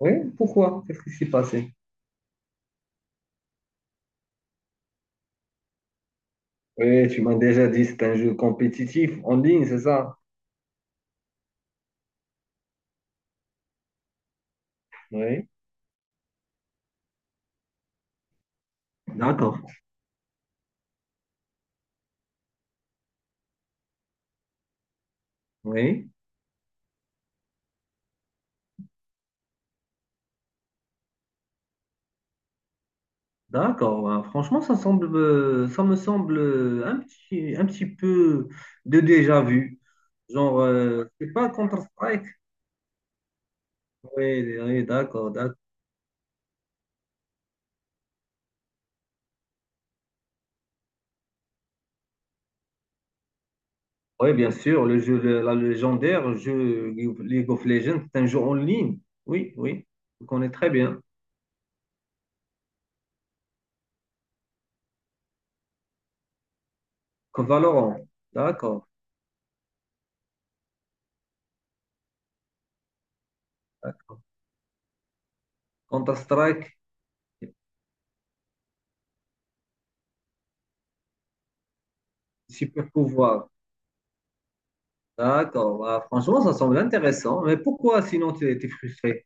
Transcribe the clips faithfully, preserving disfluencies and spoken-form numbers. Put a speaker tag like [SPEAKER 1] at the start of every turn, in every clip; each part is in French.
[SPEAKER 1] Oui, pourquoi? Qu'est-ce qui s'est passé? Oui, tu m'as déjà dit c'est un jeu compétitif en ligne, c'est ça? Oui, d'accord. Oui, d'accord. Ah, franchement, ça semble, euh, ça me semble euh, un petit, un petit peu de déjà vu. Genre, euh, c'est pas Counter-Strike? Oui, oui, d'accord, d'accord. Oui, bien sûr, le jeu, le- la légendaire, le jeu League of Legends, c'est un jeu en ligne. Oui, oui, je connais très bien. Valorant, d'accord, d'accord. Counter-Strike, super pouvoir. D'accord. Bah, franchement, ça semble intéressant. Mais pourquoi sinon tu étais frustré?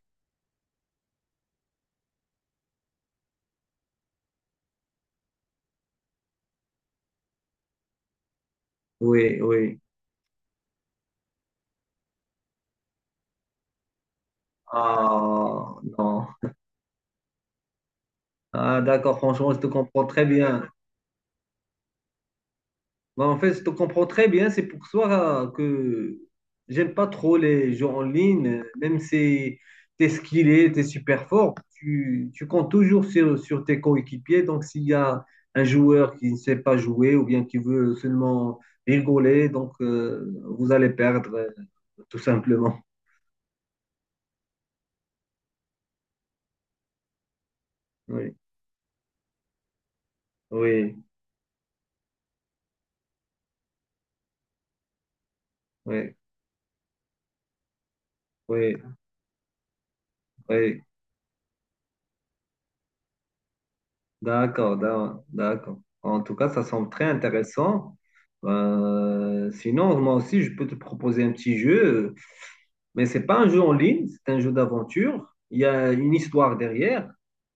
[SPEAKER 1] Oui, oui. Ah, non. Ah, d'accord. Franchement, je te comprends très bien. Bah, en fait, je te comprends très bien. C'est pour ça que j'aime pas trop les jeux en ligne. Même si tu es skillé, tu es super fort, tu, tu comptes toujours sur, sur tes coéquipiers. Donc, s'il y a un joueur qui ne sait pas jouer ou bien qui veut seulement rigoler, donc euh, vous allez perdre, euh, tout simplement. Oui. Oui, oui, oui, oui. D'accord, d'a- d'accord. En tout cas, ça semble très intéressant. Euh, sinon, moi aussi, je peux te proposer un petit jeu, mais c'est pas un jeu en ligne, c'est un jeu d'aventure. Il y a une histoire derrière.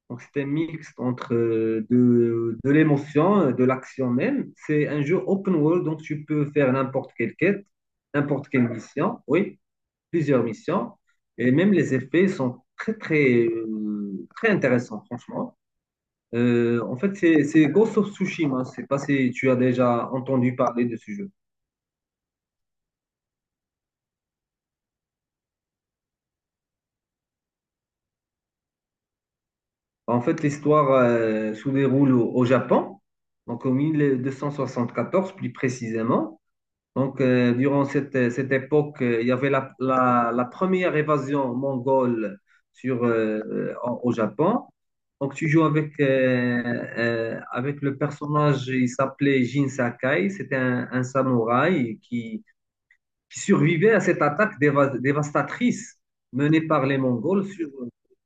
[SPEAKER 1] Donc, c'est un mix entre euh, de, de l'émotion, euh, de l'action même. C'est un jeu open world, donc tu peux faire n'importe quelle quête, n'importe quelle mission. Oui, plusieurs missions et même les effets sont très, très, euh, très intéressants, franchement. Euh, en fait, c'est c'est Ghost of Tsushima. Je sais pas si tu as déjà entendu parler de ce jeu. En fait, l'histoire euh, se déroule au, au Japon, donc en mille deux cent soixante-quatorze plus précisément. Donc, euh, durant cette, euh, cette époque, euh, il y avait la, la- la première évasion mongole sur, euh, euh, en- au Japon. Donc, tu joues avec, euh, euh, avec le personnage. Il s'appelait Jin Sakai. C'était un, un samouraï qui, qui survivait à cette attaque déva- dévastatrice menée par les Mongols sur,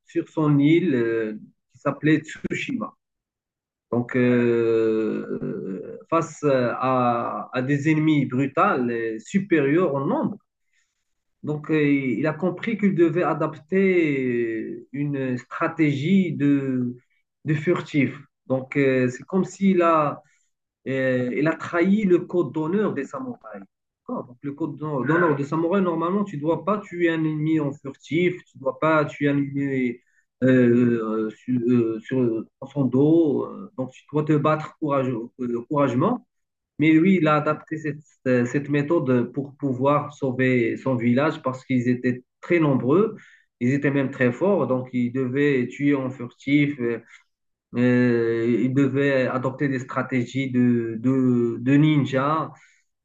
[SPEAKER 1] sur son île, euh, qui s'appelait Tsushima. Donc, euh, face à, à des ennemis brutaux et supérieurs en nombre, donc euh, il a compris qu'il devait adapter une stratégie de, de furtif. Donc, euh, c'est comme s'il a, euh, il a trahi le code d'honneur des samouraïs. D'accord. Donc, le code d'hon- d'honneur des samouraïs, normalement, tu ne dois pas tuer un ennemi en furtif, tu ne dois pas tuer un ennemi euh, sur, euh, sur- dans son dos. euh, Donc, tu dois te battre courage- euh, courageusement. Mais lui, il a adapté cette, euh, cette méthode pour pouvoir sauver son village parce qu'ils étaient très nombreux, ils étaient même très forts, donc ils devaient tuer en furtif, euh, euh, il devait adopter des stratégies de, de, de ninja.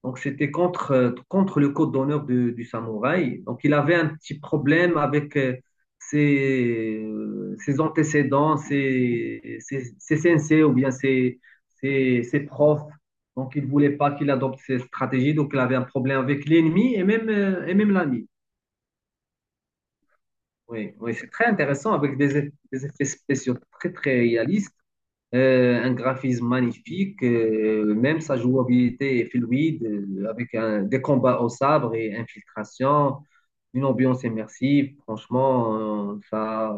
[SPEAKER 1] Donc, c'était contre, euh, contre le code d'honneur de- du samouraï. Donc, il avait un petit problème avec euh, ses, euh, ses antécédents, ses, ses, ses sensei ou bien ses, ses, ses profs. Donc, il ne voulait pas qu'il adopte ces stratégies. Donc, il avait un problème avec l'ennemi et même, euh, et même l'ami. Oui, oui, c'est très intéressant avec des, eff- des effets spéciaux très, très réalistes. Euh, un graphisme magnifique, euh, même sa jouabilité est fluide, euh, avec un- des combats au sabre et infiltration, une ambiance immersive. Franchement, euh, ça,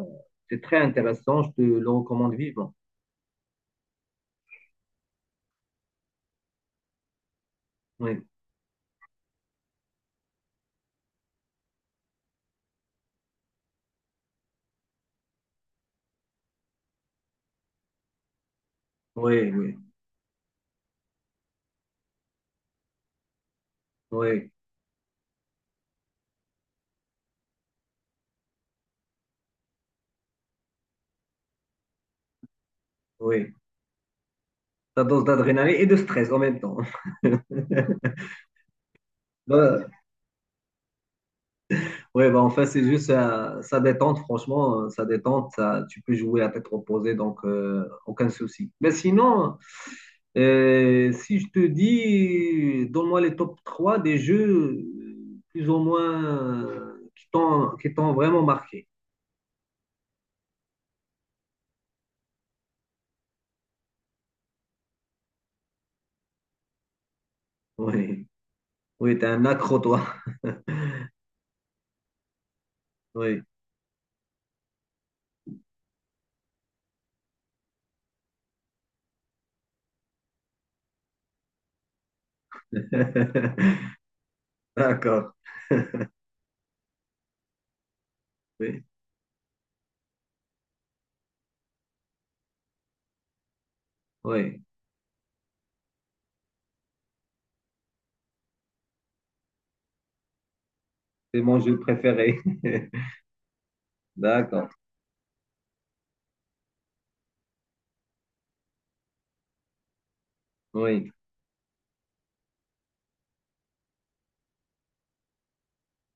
[SPEAKER 1] c'est très intéressant. Je te le recommande vivement. Oui, oui, oui, oui, oui. Ta dose d'adrénaline et de stress en même temps. Voilà. Oui, bah, en fait, c'est juste ça, ça détente, franchement, euh, ça détente, ça, tu peux jouer à tête reposée, donc euh, aucun souci. Mais sinon, euh, si- je te dis, donne-moi les top trois des jeux euh, plus ou moins euh, qui t'ont qui t'ont vraiment marqué. Oui, oui, t'es un accro, toi. Oui, d'accord. Oui, oui, c'est mon jeu préféré. D'accord, oui,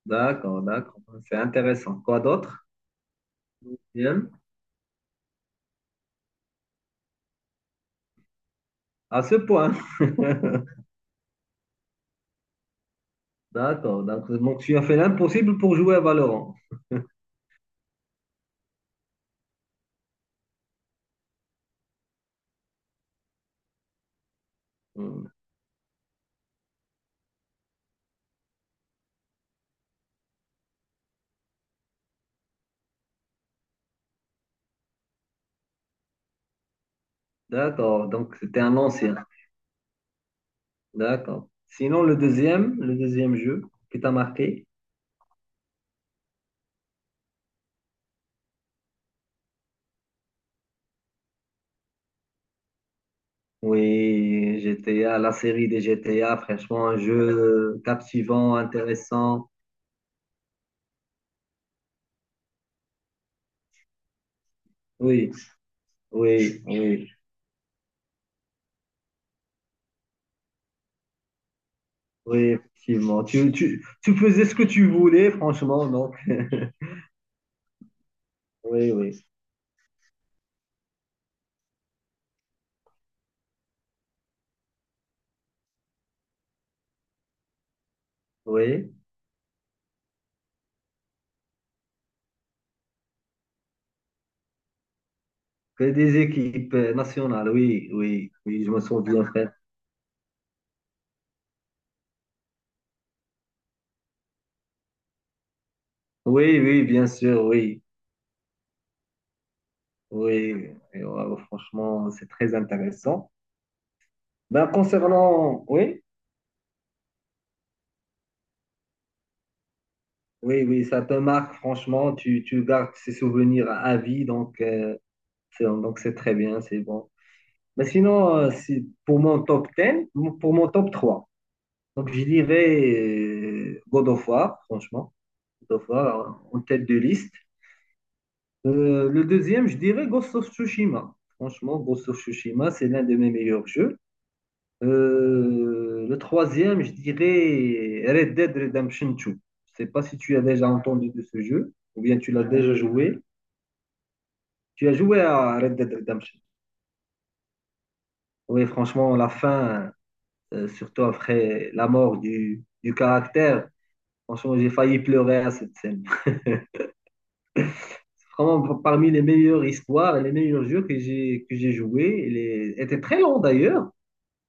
[SPEAKER 1] d'accord, d'accord. C'est intéressant. Quoi d'autre? Bien. À ce point. D'accord. Donc, donc, tu as fait l'impossible pour jouer à Valorant. Hmm. D'accord. Donc, c'était un ancien. D'accord. Sinon, le deuxième, le deuxième jeu qui t'a marqué? Oui, G T A, la série des G T A, franchement, un jeu captivant, intéressant. Oui, oui, oui, oui, effectivement. Tu, tu, tu faisais ce que tu voulais, franchement, donc. Oui, oui, oui. Que des équipes euh, nationales, oui, oui, oui, je me souviens, frère. Oui, oui, bien sûr, oui. Oui, Et, euh, franchement, c'est très intéressant. Ben, concernant, oui, oui, oui, ça te marque, franchement, tu, tu gardes ces souvenirs à à vie, donc euh, c'est donc c'est très bien, c'est bon. Mais sinon, euh, si- pour mon top dix, pour mon top trois, donc je dirais euh, God of War, franchement, God of War euh, en tête de liste. Euh, le deuxième, je dirais Ghost of Tsushima. Franchement, Ghost of Tsushima, c'est l'un de mes meilleurs jeux. Euh, le troisième, je dirais Red Dead Redemption deux. Je ne sais pas si tu as déjà entendu de ce jeu ou bien tu l'as déjà joué. Tu as joué à Red Dead Redemption. Oui, franchement, la fin, euh, surtout après la mort du, du caractère, franchement, j'ai failli pleurer à cette scène. Vraiment, parmi les meilleures histoires et les meilleurs jeux que j'ai que j'ai joué, il est- était très long d'ailleurs.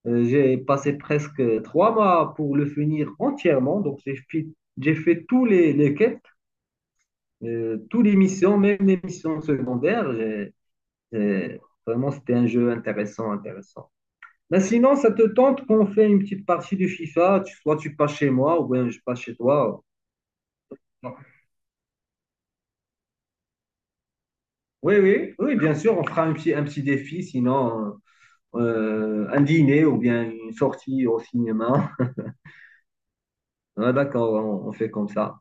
[SPEAKER 1] Euh, j'ai passé presque trois mois pour le finir entièrement, donc j'ai fait, j'ai fait tous les les quêtes. Euh, toutes les missions, même les missions secondaires, j'ai- j'ai- vraiment, c'était un jeu intéressant, intéressant. Ben, sinon, ça te tente qu'on fait une petite partie du FIFA, tu- soit tu passes chez moi, ou bien je passe chez toi. Oui, oui, oui, bien sûr, on fera un petit, un petit défi, sinon euh, un dîner ou bien une sortie au cinéma. Ah, d'accord, on, on fait comme ça.